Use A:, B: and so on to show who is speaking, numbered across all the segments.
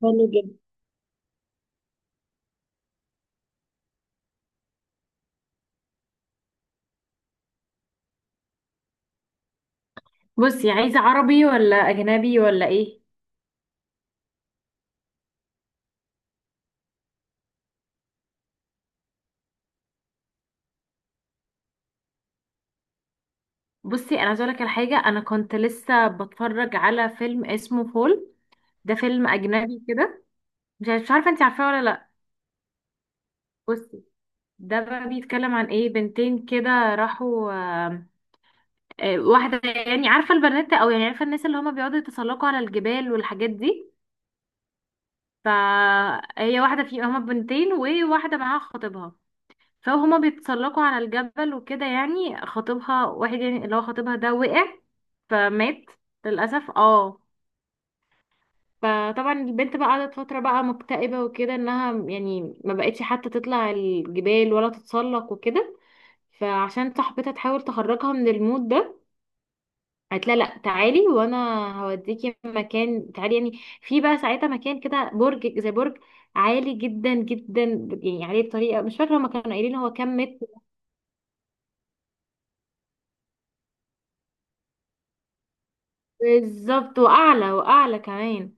A: حلو جدا. بصي، عايزة عربي ولا أجنبي ولا إيه؟ بصي أنا عايزة أقولك على حاجة. أنا كنت لسه بتفرج على فيلم اسمه فول. ده فيلم أجنبي كده. مش عارفة أنت عارفاه ولا لأ؟ بصي، ده بقى بيتكلم عن إيه؟ بنتين كده راحوا واحدة، يعني عارفة البنات، أو يعني عارفة الناس اللي هما بيقعدوا يتسلقوا على الجبال والحاجات دي. فهي واحدة، في هما بنتين وواحدة معاها خطيبها. فهما بيتسلقوا على الجبل وكده، يعني خطيبها، واحد يعني اللي هو خطيبها ده وقع فمات للأسف، اه. فطبعا البنت بقى قعدت فترة بقى مكتئبة وكده، انها يعني ما بقتش حتى تطلع الجبال ولا تتسلق وكده. فعشان صاحبتها تحاول تخرجها من المود ده، قالت لها لا تعالي، وانا هوديكي مكان. تعالي يعني، في بقى ساعتها مكان كده، برج زي برج عالي جدا جدا، يعني عليه بطريقة مش فاكرة هما كانوا قايلين هو كام متر. بالظبط، واعلى واعلى كمان.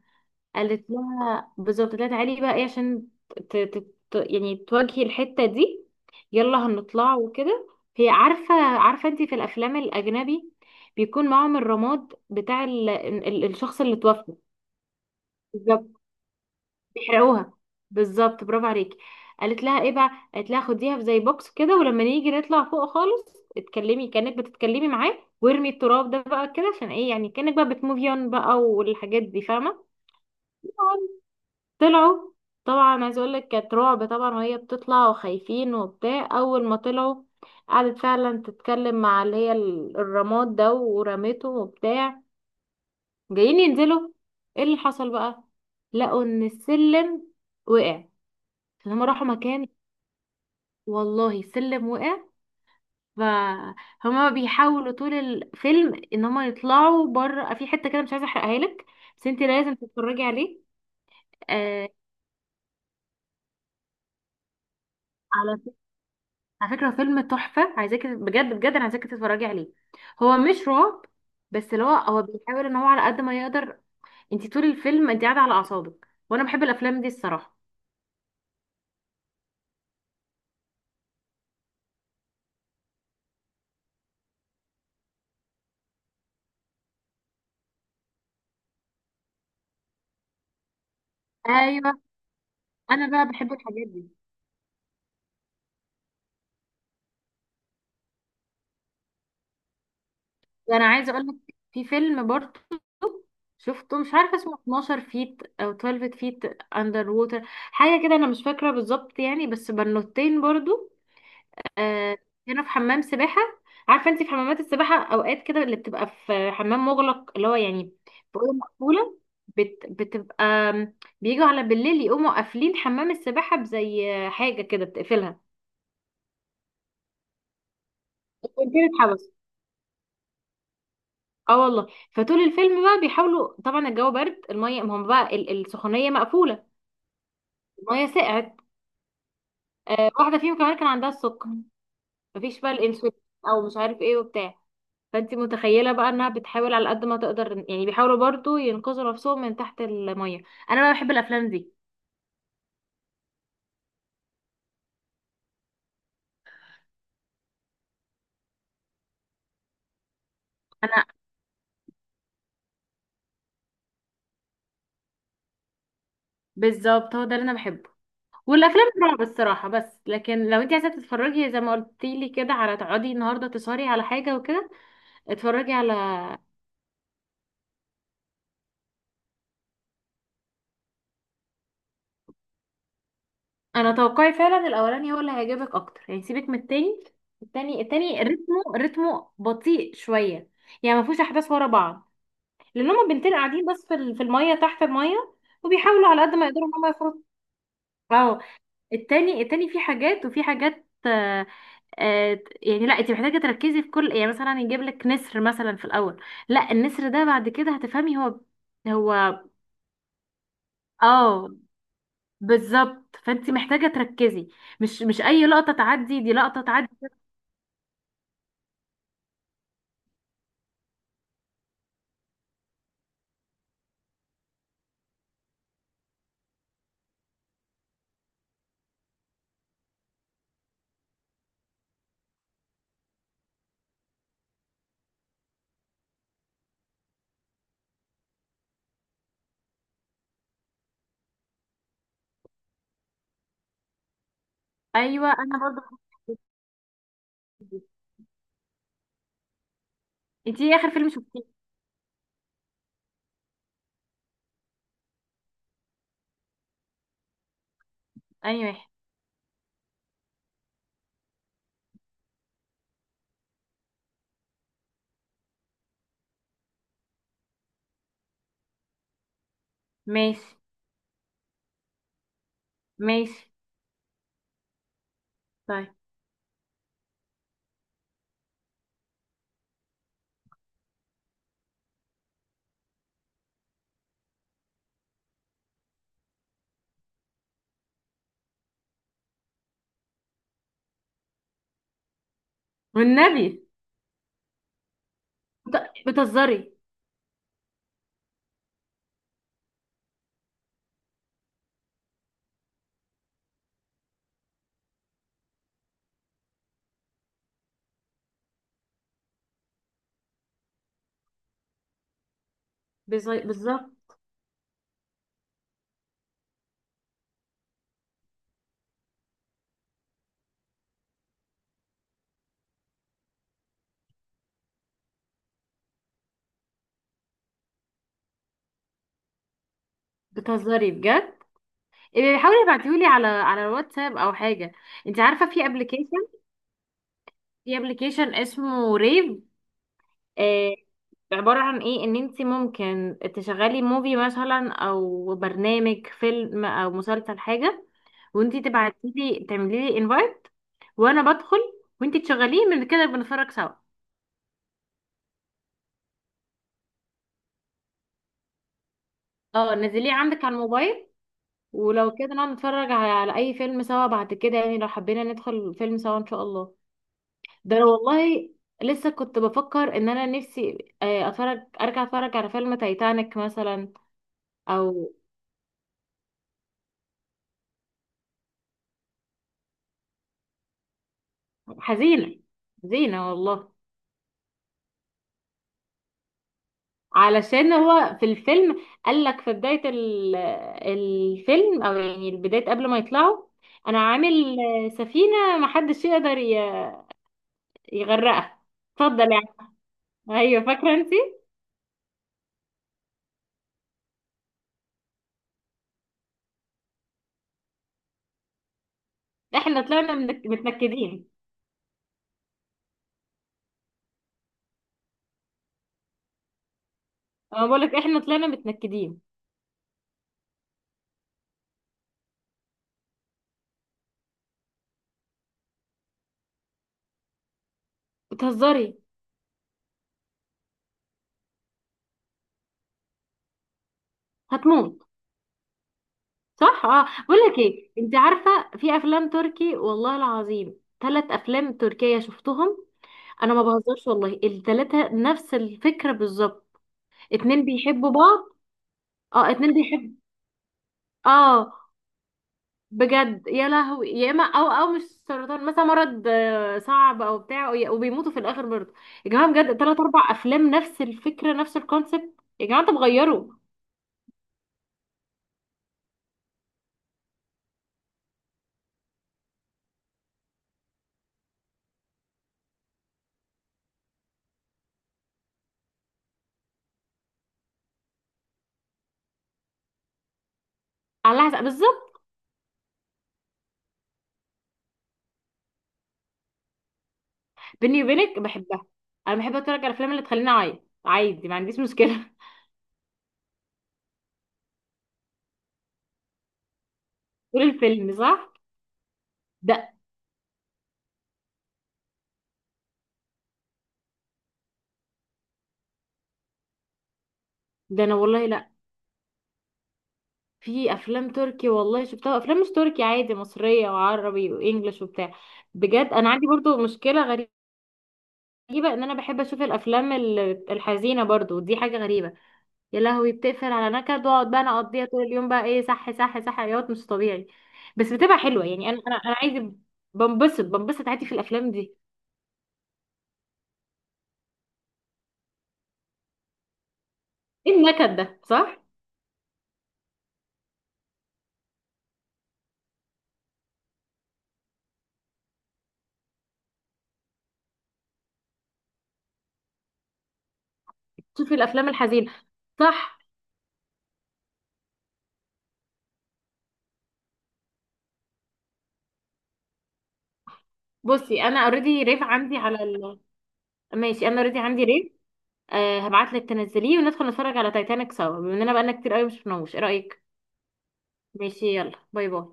A: قالت لها بالظبط، قالت لها تعالي بقى ايه عشان ت... ت... يعني تواجهي الحتة دي، يلا هنطلع وكده. هي عارفة عارفة، انت في الافلام الاجنبي بيكون معاهم الرماد بتاع الشخص اللي توفى. بالظبط، بيحرقوها. بالظبط، برافو عليكي. قالت لها ايه بقى؟ قالت لها خديها في زي بوكس كده، ولما نيجي نطلع فوق خالص اتكلمي كانك بتتكلمي معاه، وارمي التراب ده بقى كده، عشان ايه يعني كانك بقى بتموفي اون بقى والحاجات دي، فاهمه. طلعوا، طبعا عايزه اقول لك كانت رعب طبعا، وهي بتطلع وخايفين وبتاع. اول ما طلعوا قعدت فعلا تتكلم مع اللي هي الرماد ده، ورميته وبتاع. جايين ينزلوا، ايه اللي حصل بقى؟ لقوا ان السلم وقع. فهم راحوا مكان. والله السلم وقع. فهما بيحاولوا طول الفيلم ان هما يطلعوا بره في حته كده. مش عايزه احرقها لك، بس انت لازم تتفرجي عليه. آه. على ف- على فكره فيلم تحفه، عايزاكي بجد بجد، انا عايزاكي تتفرجي عليه. هو مش رعب، بس اللي هو بيحاول ان هو على قد ما يقدر. انت طول الفيلم انت قاعده على اعصابك، وانا بحب الافلام دي الصراحه. ايوه، انا بقى بحب الحاجات دي. ده انا عايزه اقول لك في فيلم برضه شفته، مش عارفه اسمه 12 فيت او 12 فيت اندر ووتر، حاجه كده انا مش فاكره بالظبط يعني، بس بنوتين برضه. آه. كانوا في حمام سباحه. عارفه انت في حمامات السباحه اوقات كده اللي بتبقى في حمام مغلق، اللي هو يعني في اوضه مقفوله. بتبقى بيجوا على بالليل يقوموا قافلين حمام السباحه بزي حاجه كده بتقفلها. كنت. اه والله. فطول الفيلم بقى بيحاولوا طبعا، الجو برد، الميه ما هم بقى السخونيه مقفوله، الميه سقعت. واحده فيهم كمان كان عندها السكر، مفيش بقى الانسولين او مش عارف ايه وبتاع. فانت متخيله بقى انها بتحاول على قد ما تقدر، يعني بيحاولوا برضو ينقذوا نفسهم من تحت الميه. انا بقى بحب الافلام دي. انا بالظبط، هو ده اللي انا بحبه. والافلام الرعب الصراحه. بس لكن لو انت عايزه تتفرجي زي ما قلتي لي كده على تقعدي النهارده تسهري على حاجه وكده، اتفرجي على. انا توقعي فعلا الاولاني هو اللي هيعجبك اكتر، يعني سيبك من التاني. التاني رتمه بطيء شويه، يعني ما فيهوش احداث ورا بعض، لان هما بنتين قاعدين بس في الميه، تحت الميه، وبيحاولوا على قد ما يقدروا ان هما يخرجوا. اه. التاني فيه حاجات وفي حاجات. يعني لا، انت محتاجه تركزي في كل، يعني مثلا يجيب لك نسر مثلا في الاول، لا النسر ده بعد كده هتفهمي هو هو اه، بالظبط. فانت محتاجه تركزي، مش اي لقطه تعدي، دي لقطه تعدي. ايوه انا برضو بحب دي. انت ايه اخر فيلم شفتيه؟ اي واحد. ماشي. ماشي. طيب. والنبي. بتهزري. بالظبط. بتهزري بجد؟ إيه، حاولي ابعتيهولي على الواتساب او حاجه. انت عارفه في ابلكيشن، اسمه ريف. آه. عباره عن ايه؟ ان انت ممكن تشغلي موفي مثلا، او برنامج فيلم او مسلسل حاجه، وانت تبعتيلي تعملي لي انفايت، وانا بدخل وانت تشغليه، من كده بنتفرج سوا. اه، نزليه عندك على الموبايل. ولو كده نقعد نتفرج على اي فيلم سوا بعد كده يعني، لو حبينا ندخل فيلم سوا ان شاء الله. ده أنا والله لسه كنت بفكر ان انا نفسي اتفرج، ارجع اتفرج على فيلم تايتانيك مثلا. او حزينة، حزينة والله. علشان هو في الفيلم قال لك في بداية الفيلم، او يعني بداية قبل ما يطلعوا، انا عامل سفينة محدش يقدر يغرقها، اتفضل يعني. ايوه، فاكرة انت؟ احنا طلعنا متنكدين. انا بقول لك احنا طلعنا متنكدين. بتهزري. هتموت. صح. اه، بقول لك ايه؟ انت عارفه في افلام تركي والله العظيم 3 افلام تركيه شفتهم. انا ما بهزرش والله، ال3 نفس الفكره بالظبط. اتنين بيحبوا بعض. اه، اتنين بيحب. اه. بجد، يا لهوي. يا اما، او مش سرطان مثلا، مرض صعب او بتاع، وبيموتوا في الاخر برضه. يا جماعه بجد، 3 4 افلام نفس الفكره نفس الكونسيبت. يا جماعه انتوا بتغيروا. الله حسب بالظبط. بيني وبينك بحبها. انا بحب اتفرج على الافلام اللي تخليني اعيط عادي، ما عنديش مشكله. طول الفيلم، صح. ده ده انا والله لا. في افلام تركي والله شفتها، افلام مش تركي عادي، مصريه وعربي وانجلش وبتاع. بجد انا عندي برضو مشكله غريبه، ان انا بحب اشوف الافلام الحزينه برضو، دي حاجه غريبه. يا لهوي، بتقفل على نكد واقعد بقى انا اقضيها طول اليوم بقى ايه، صح صح صح، عياط مش طبيعي. بس بتبقى حلوه يعني، انا عايزه. بنبسط بنبسط عادي في الافلام دي. ايه النكد ده، صح؟ شوفي الافلام الحزينه، صح. بصي، انا اوريدي ريف عندي على ال... ماشي انا اوريدي عندي ريف. أه، هبعت لك تنزليه وندخل نتفرج على تايتانيك سوا، بما اننا بقالنا كتير قوي مش شفناهوش، ايه رايك؟ ماشي. يلا باي باي.